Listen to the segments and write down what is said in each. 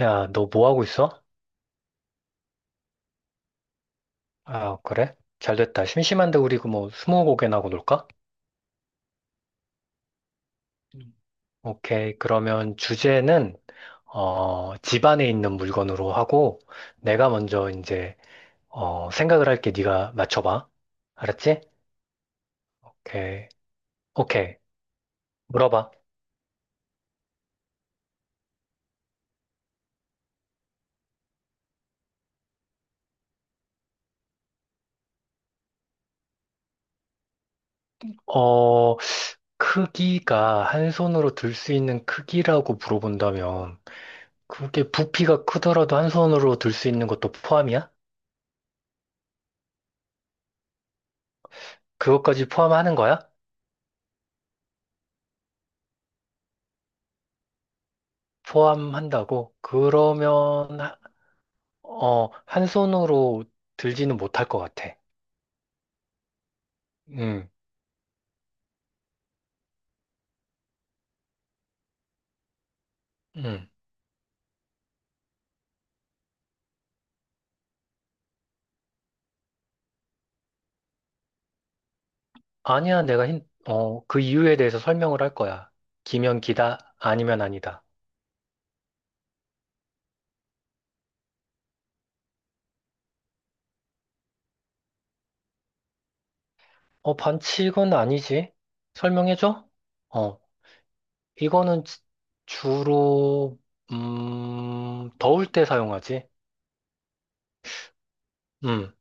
야, 너 뭐 하고 있어? 아, 그래? 잘 됐다. 심심한데 우리 그뭐 스무고개나 하고 놀까? 음. 오케이. 그러면 주제는 집 안에 있는 물건으로 하고 내가 먼저 이제 생각을 할게. 네가 맞춰봐. 알았지? 오케이. 오케이. 물어봐. 어, 크기가 한 손으로 들 수 있는 크기라고 물어본다면 그게 부피가 크더라도 한 손으로 들 수 있는 것도 포함이야? 그것까지 포함하는 거야? 포함한다고? 그러면, 한 손으로 들지는 못할 것 같아. 음, 음. 아니야, 그 이유에 대해서 설명을 할 거야. 기면 기다, 아니면 아니다. 어, 반칙은 아니지. 설명해줘? 어, 이거는 주로, 더울 때 사용하지. 음,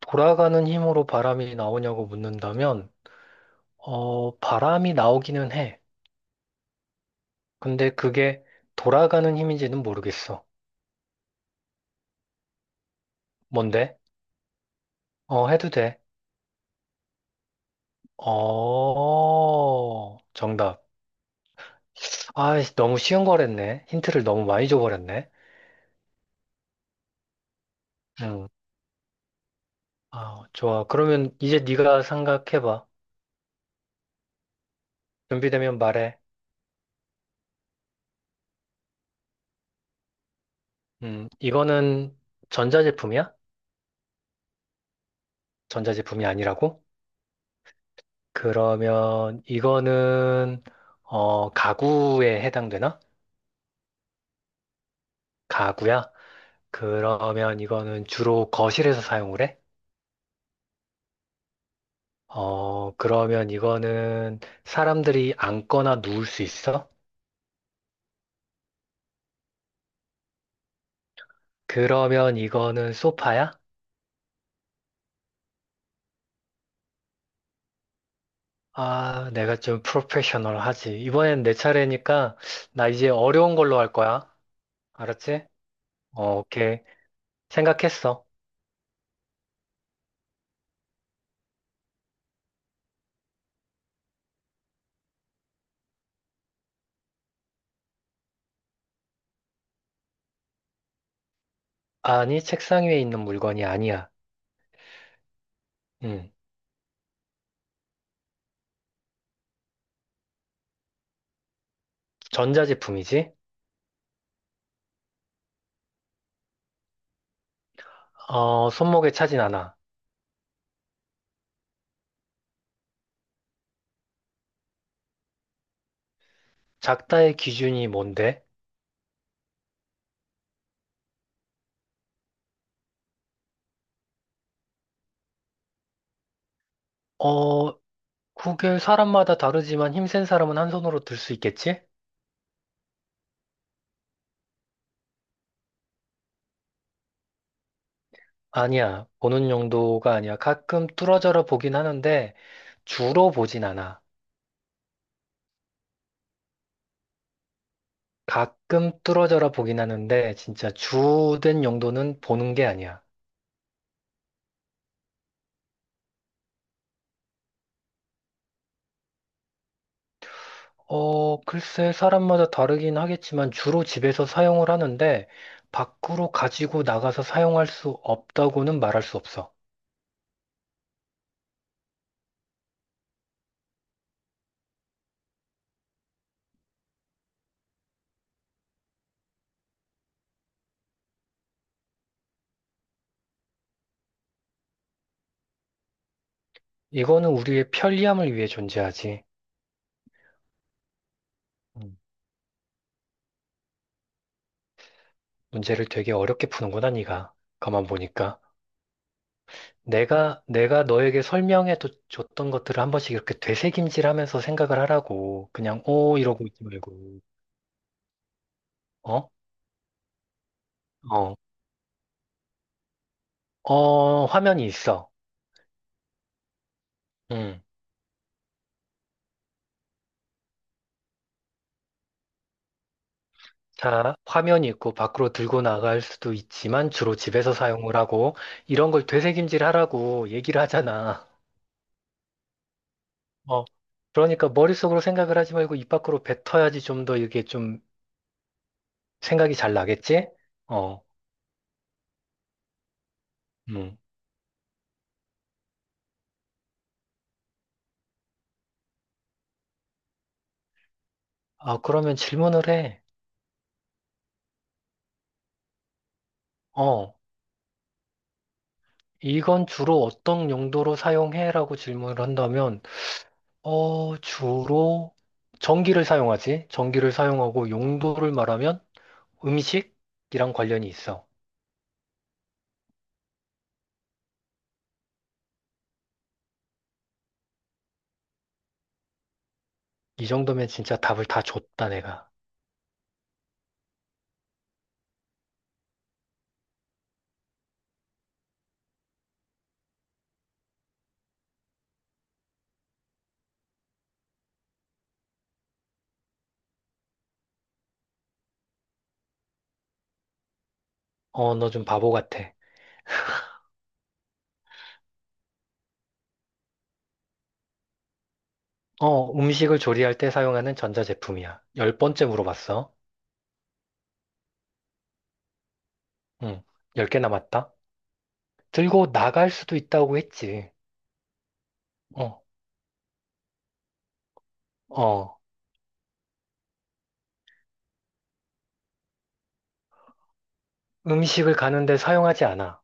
돌아가는 힘으로 바람이 나오냐고 묻는다면, 바람이 나오기는 해. 근데 그게 돌아가는 힘인지는 모르겠어. 뭔데? 어, 해도 돼. 어, 정답. 아, 너무 쉬운 거랬네. 힌트를 너무 많이 줘버렸네. 음, 아, 좋아. 그러면 이제 네가 생각해봐. 준비되면 말해. 이거는 전자제품이야? 전자제품이 아니라고? 그러면 이거는 가구에 해당되나? 가구야? 그러면 이거는 주로 거실에서 사용을 해? 그러면 이거는 사람들이 앉거나 누울 수 있어? 그러면 이거는 소파야? 아, 내가 좀 프로페셔널하지. 이번엔 내 차례니까 나 이제 어려운 걸로 할 거야. 알았지? 어, 오케이. 생각했어. 아니, 책상 위에 있는 물건이 아니야. 음, 전자제품이지? 손목에 차진 않아. 작다의 기준이 뭔데? 어, 그게 사람마다 다르지만 힘센 사람은 한 손으로 들 수 있겠지? 아니야. 보는 용도가 아니야. 가끔 뚫어져라 보긴 하는데 주로 보진 않아. 가끔 뚫어져라 보긴 하는데 진짜 주된 용도는 보는 게 아니야. 어, 글쎄 사람마다 다르긴 하겠지만 주로 집에서 사용을 하는데 밖으로 가지고 나가서 사용할 수 없다고는 말할 수 없어. 이거는 우리의 편리함을 위해 존재하지. 음, 문제를 되게 어렵게 푸는구나, 네가. 가만 보니까. 내가 너에게 줬던 것들을 한 번씩 이렇게 되새김질 하면서 생각을 하라고. 그냥, 오, 이러고 있지 말고. 어? 어. 어, 화면이 있어. 음. 자, 화면이 있고 밖으로 들고 나갈 수도 있지만 주로 집에서 사용을 하고 이런 걸 되새김질 하라고 얘기를 하잖아. 어. 그러니까 머릿속으로 생각을 하지 말고 입 밖으로 뱉어야지 좀 더 이게 좀 생각이 잘 나겠지? 어. 음. 아, 그러면 질문을 해. 어. 이건 주로 어떤 용도로 사용해라고 질문을 한다면, 어, 주로 전기를 사용하지. 전기를 사용하고 용도를 말하면 음식이랑 관련이 있어. 이 정도면 진짜 답을 다 줬다, 내가. 어, 너 좀 바보 같아. 어, 음식을 조리할 때 사용하는 전자제품이야. 열 번째 물어봤어. 응, 열 개 남았다. 들고 나갈 수도 있다고 했지. 어, 어, 음식을 가는데 사용하지 않아.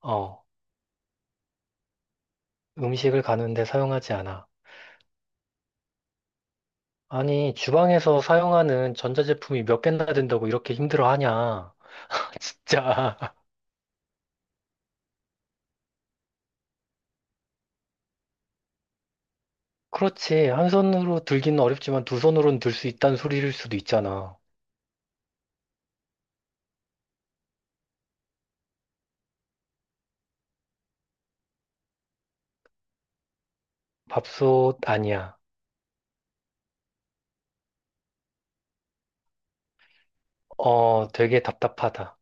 어, 음식을 가는데 사용하지 않아. 아니, 주방에서 사용하는 전자제품이 몇 개나 된다고 이렇게 힘들어하냐. 진짜. 그렇지. 한 손으로 들기는 어렵지만 두 손으로는 들 수 있다는 소리일 수도 있잖아. 밥솥 아니야. 어, 되게 답답하다.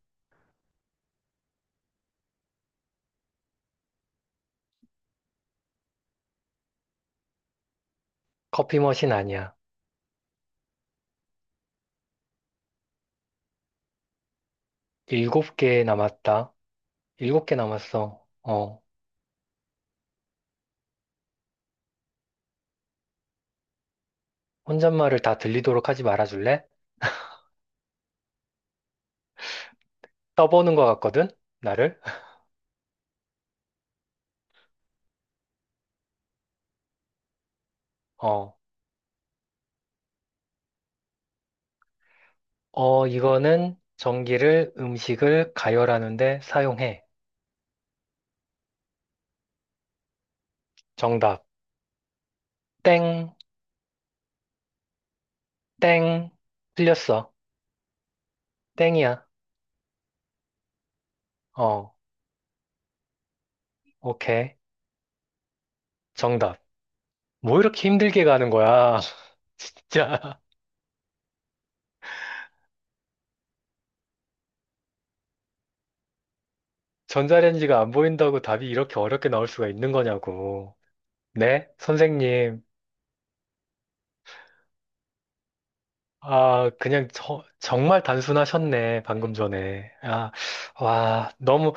커피 머신 아니야. 일곱 개 남았다. 일곱 개 남았어. 어, 혼잣말을 다 들리도록 하지 말아줄래? 떠보는 것 같거든? 나를? 어, 이거는 전기를 음식을 가열하는데 사용해. 정답. 땡. 땡. 틀렸어. 땡이야. 어, 오케이. 정답. 뭐 이렇게 힘들게 가는 거야? 진짜. 전자레인지가 안 보인다고 답이 이렇게 어렵게 나올 수가 있는 거냐고. 네, 선생님. 아, 그냥 정말 단순하셨네, 방금 전에. 아, 와, 너무,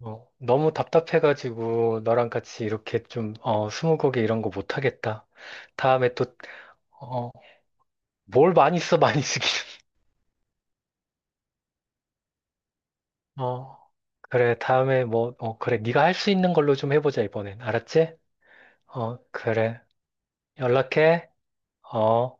어, 너무 답답해가지고, 너랑 같이 이렇게 좀, 어, 스무고개 이런 거 못하겠다. 다음에 또, 어, 뭘 많이 써, 많이 쓰기. 어, 그래, 다음에 뭐, 어, 그래, 네가 할 수 있는 걸로 좀 해보자, 이번엔. 알았지? 어, 그래. 연락해. 어.